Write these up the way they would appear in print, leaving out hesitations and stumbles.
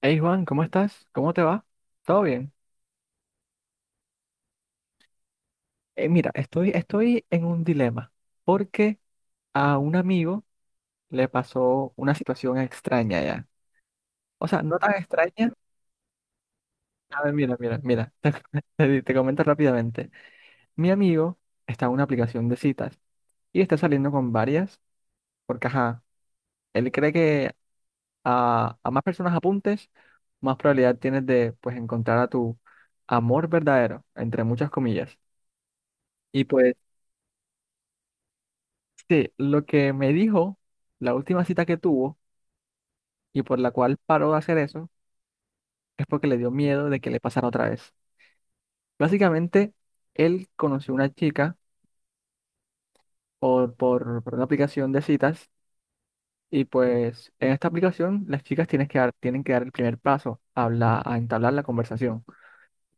Hey Juan, ¿cómo estás? ¿Cómo te va? ¿Todo bien? Mira, estoy en un dilema porque a un amigo le pasó una situación extraña ya. O sea, no tan extraña. A ver, mira. Te comento rápidamente. Mi amigo está en una aplicación de citas y está saliendo con varias porque, ajá, él cree que a más personas apuntes, más probabilidad tienes de, pues, encontrar a tu amor verdadero, entre muchas comillas. Y pues... Sí, lo que me dijo, la última cita que tuvo y por la cual paró de hacer eso, es porque le dio miedo de que le pasara otra vez. Básicamente, él conoció una chica por una aplicación de citas y pues en esta aplicación las chicas tienen que dar el primer paso a, a entablar la conversación.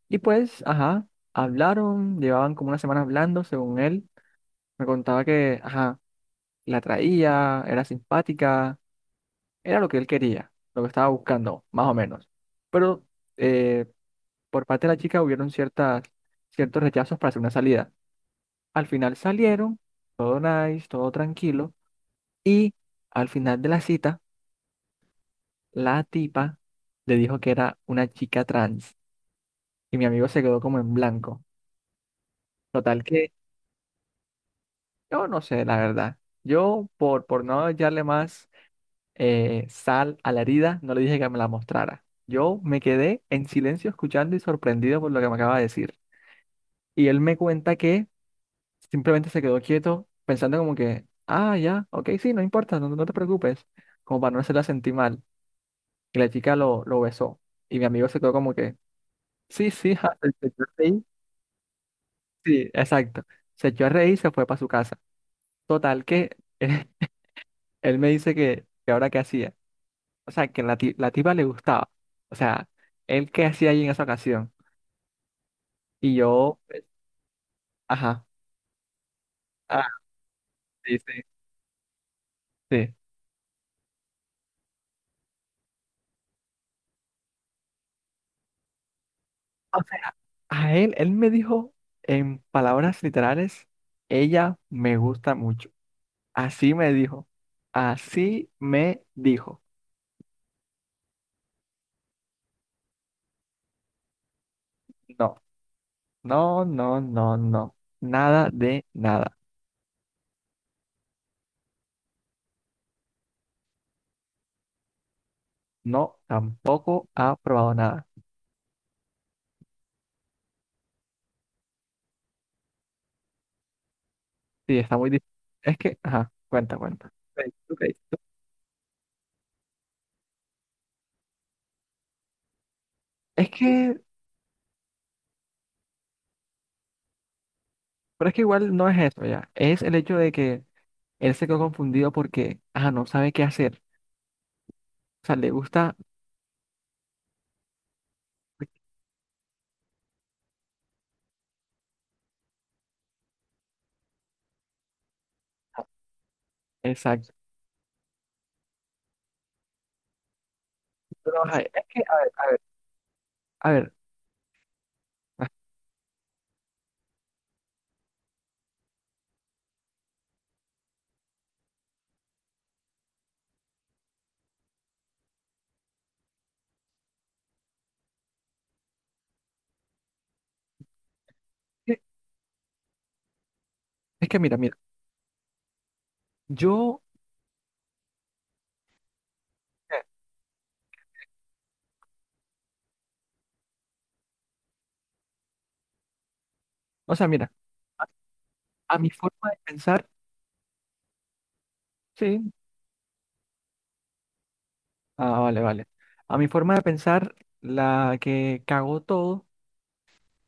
Y pues, ajá, hablaron, llevaban como una semana hablando, según él. Me contaba que, ajá, la traía, era simpática. Era lo que él quería, lo que estaba buscando, más o menos. Pero eh, por parte de la chica hubieron ciertas, ciertos rechazos para hacer una salida. Al final salieron, todo nice, todo tranquilo. Y al final de la cita, la tipa le dijo que era una chica trans. Y mi amigo se quedó como en blanco. Total que yo no sé, la verdad. Yo, por no hallarle más sal a la herida, no le dije que me la mostrara. Yo me quedé en silencio escuchando y sorprendido por lo que me acaba de decir. Y él me cuenta que simplemente se quedó quieto, pensando como que, ah, ya, ok, sí, no importa, no, no te preocupes, como para no hacerla sentir mal. Y la chica lo besó. Y mi amigo se quedó como que, sí, sí, ja", se echó a reír. Sí, exacto. Se echó a reír y se fue para su casa. Total que él me dice que ahora qué hacía. O sea, que la, la tipa le gustaba. O sea, él qué hacía ahí en esa ocasión. Y yo, ajá, ah, sí, sí, sí. O sea, a él, él me dijo en palabras literales, ella me gusta mucho. Así me dijo, así me dijo. No, no, no. Nada de nada. No, tampoco ha probado nada. Sí, está muy difícil. Es que, ajá, cuenta, cuenta. Ok, ok. Es que Pero es que igual no es eso ya. Es el hecho de que él se quedó confundido porque, ajá, no sabe qué hacer. O sea, le gusta. Exacto. Pero, ajá, es que, a ver. Es que, es que mira, mira. Yo, eh, o sea, mira, a mi forma de pensar, sí. Ah, vale, vale. A mi forma de pensar, la que cagó todo,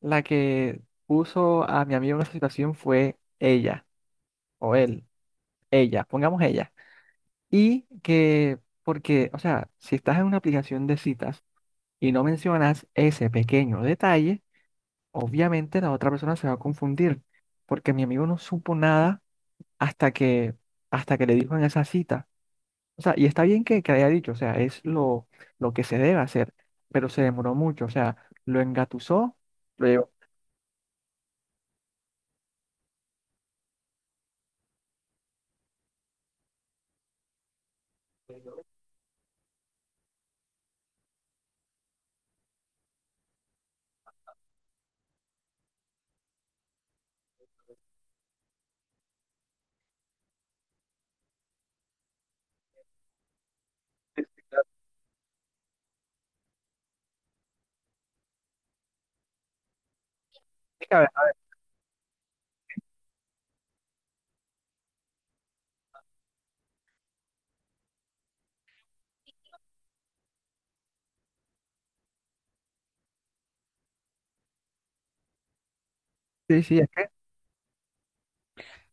la que puso a mi amigo en esa situación fue ella, o él, ella, pongamos ella. Y que, porque, o sea, si estás en una aplicación de citas, y no mencionas ese pequeño detalle, obviamente la otra persona se va a confundir, porque mi amigo no supo nada hasta que, hasta que le dijo en esa cita. O sea, y está bien que haya dicho, o sea, es lo que se debe hacer, pero se demoró mucho, o sea, lo engatusó, lo llevó. Sí, sí, es que,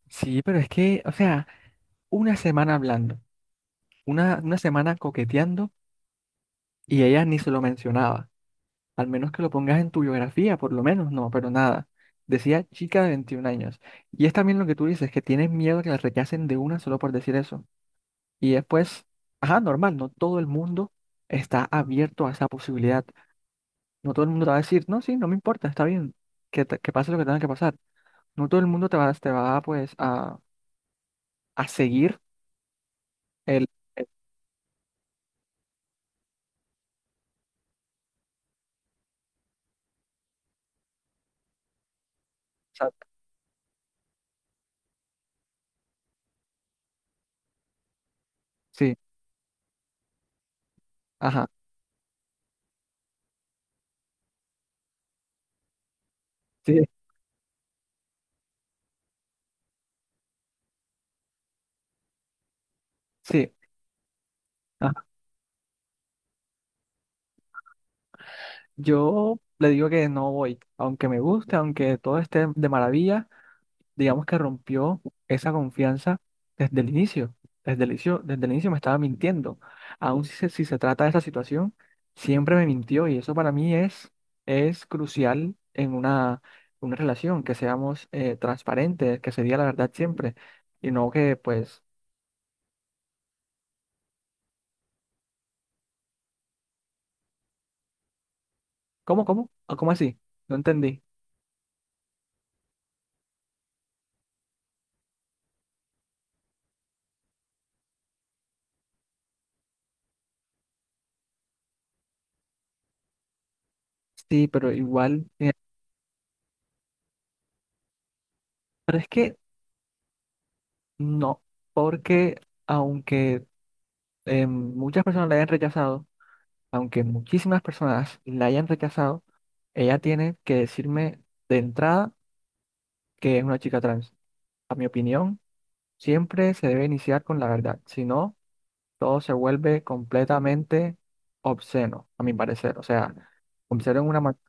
sí, pero es que, o sea, una semana hablando, una semana coqueteando y ella ni se lo mencionaba. Al menos que lo pongas en tu biografía, por lo menos, no, pero nada. Decía chica de 21 años. Y es también lo que tú dices, que tienes miedo a que la rechacen de una solo por decir eso. Y después, ajá, normal, no todo el mundo está abierto a esa posibilidad. No todo el mundo te va a decir, no, sí, no me importa, está bien, que, que pase lo que tenga que pasar. No todo el mundo te va pues, a seguir el, el- Exacto. Sí, ajá, sí, sí. Ajá. Yo le digo que no voy, aunque me guste, aunque todo esté de maravilla. Digamos que rompió esa confianza desde el inicio. Desde el inicio, desde el inicio me estaba mintiendo. Aún si se trata de esa situación, siempre me mintió y eso para mí es crucial en una relación, que seamos transparentes, que se diga la verdad siempre y no que pues, ¿cómo, cómo? ¿Ah, ¿Cómo así? No entendí. Sí, pero igual, pero es que no, porque aunque muchas personas la hayan rechazado, aunque muchísimas personas la hayan rechazado, ella tiene que decirme de entrada que es una chica trans. A mi opinión, siempre se debe iniciar con la verdad, si no, todo se vuelve completamente obsceno, a mi parecer. O sea, obsceno en una manera,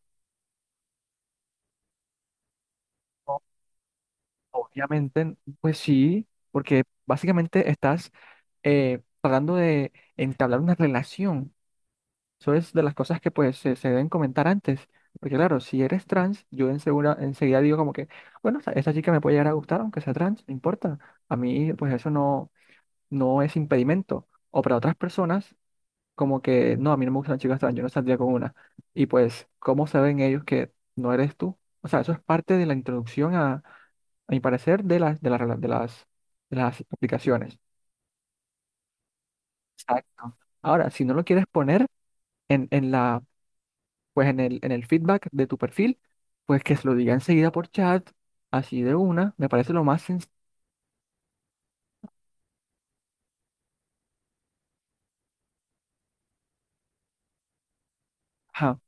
obviamente, pues sí, porque básicamente estás tratando de entablar una relación. Eso es de las cosas que pues se deben comentar antes. Porque claro, si eres trans, yo enseguida digo como que, bueno, esta chica me puede llegar a gustar, aunque sea trans, no importa. A mí pues eso no, no es impedimento. O para otras personas, como que, no, a mí no me gustan chicas trans, yo no saldría con una. Y pues, ¿cómo saben ellos que no eres tú? O sea, eso es parte de la introducción a mi parecer, de las aplicaciones. Exacto. Ahora, si no lo quieres poner en la pues en el feedback de tu perfil, pues que se lo diga enseguida por chat, así de una, me parece lo más sencillo. Ajá,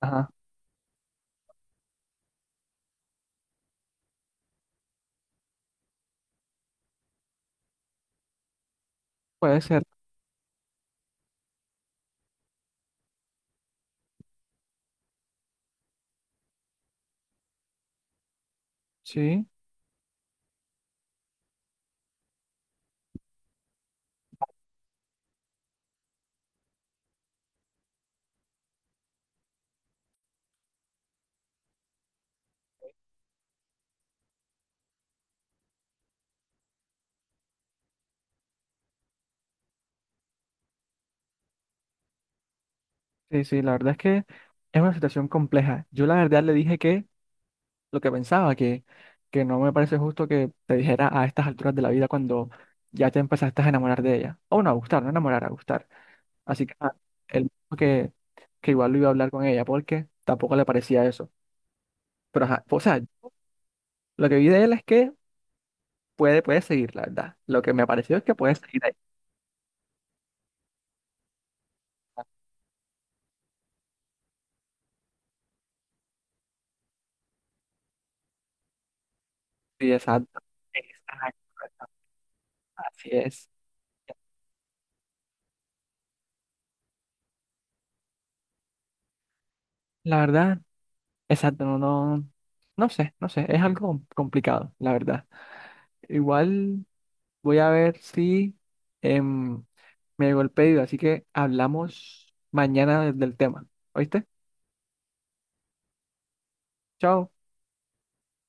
ajá, puede ser, sí, sí, sí, la verdad es que es una situación compleja. Yo la verdad le dije que lo que pensaba, que no me parece justo que te dijera a estas alturas de la vida cuando ya te empezaste a enamorar de ella, o no, a gustar, no enamorar, a gustar. Así que él dijo que igual lo iba a hablar con ella porque tampoco le parecía eso. Pero ajá, o sea, lo que vi de él es que puede, puede seguir, la verdad. Lo que me pareció es que puede seguir ahí. Sí, exacto. Exacto, exacto. Así es. La verdad, exacto, no, no, no sé, no sé. Es algo complicado, la verdad. Igual voy a ver si em, me llegó el pedido, así que hablamos mañana del tema. ¿Oíste? Chao.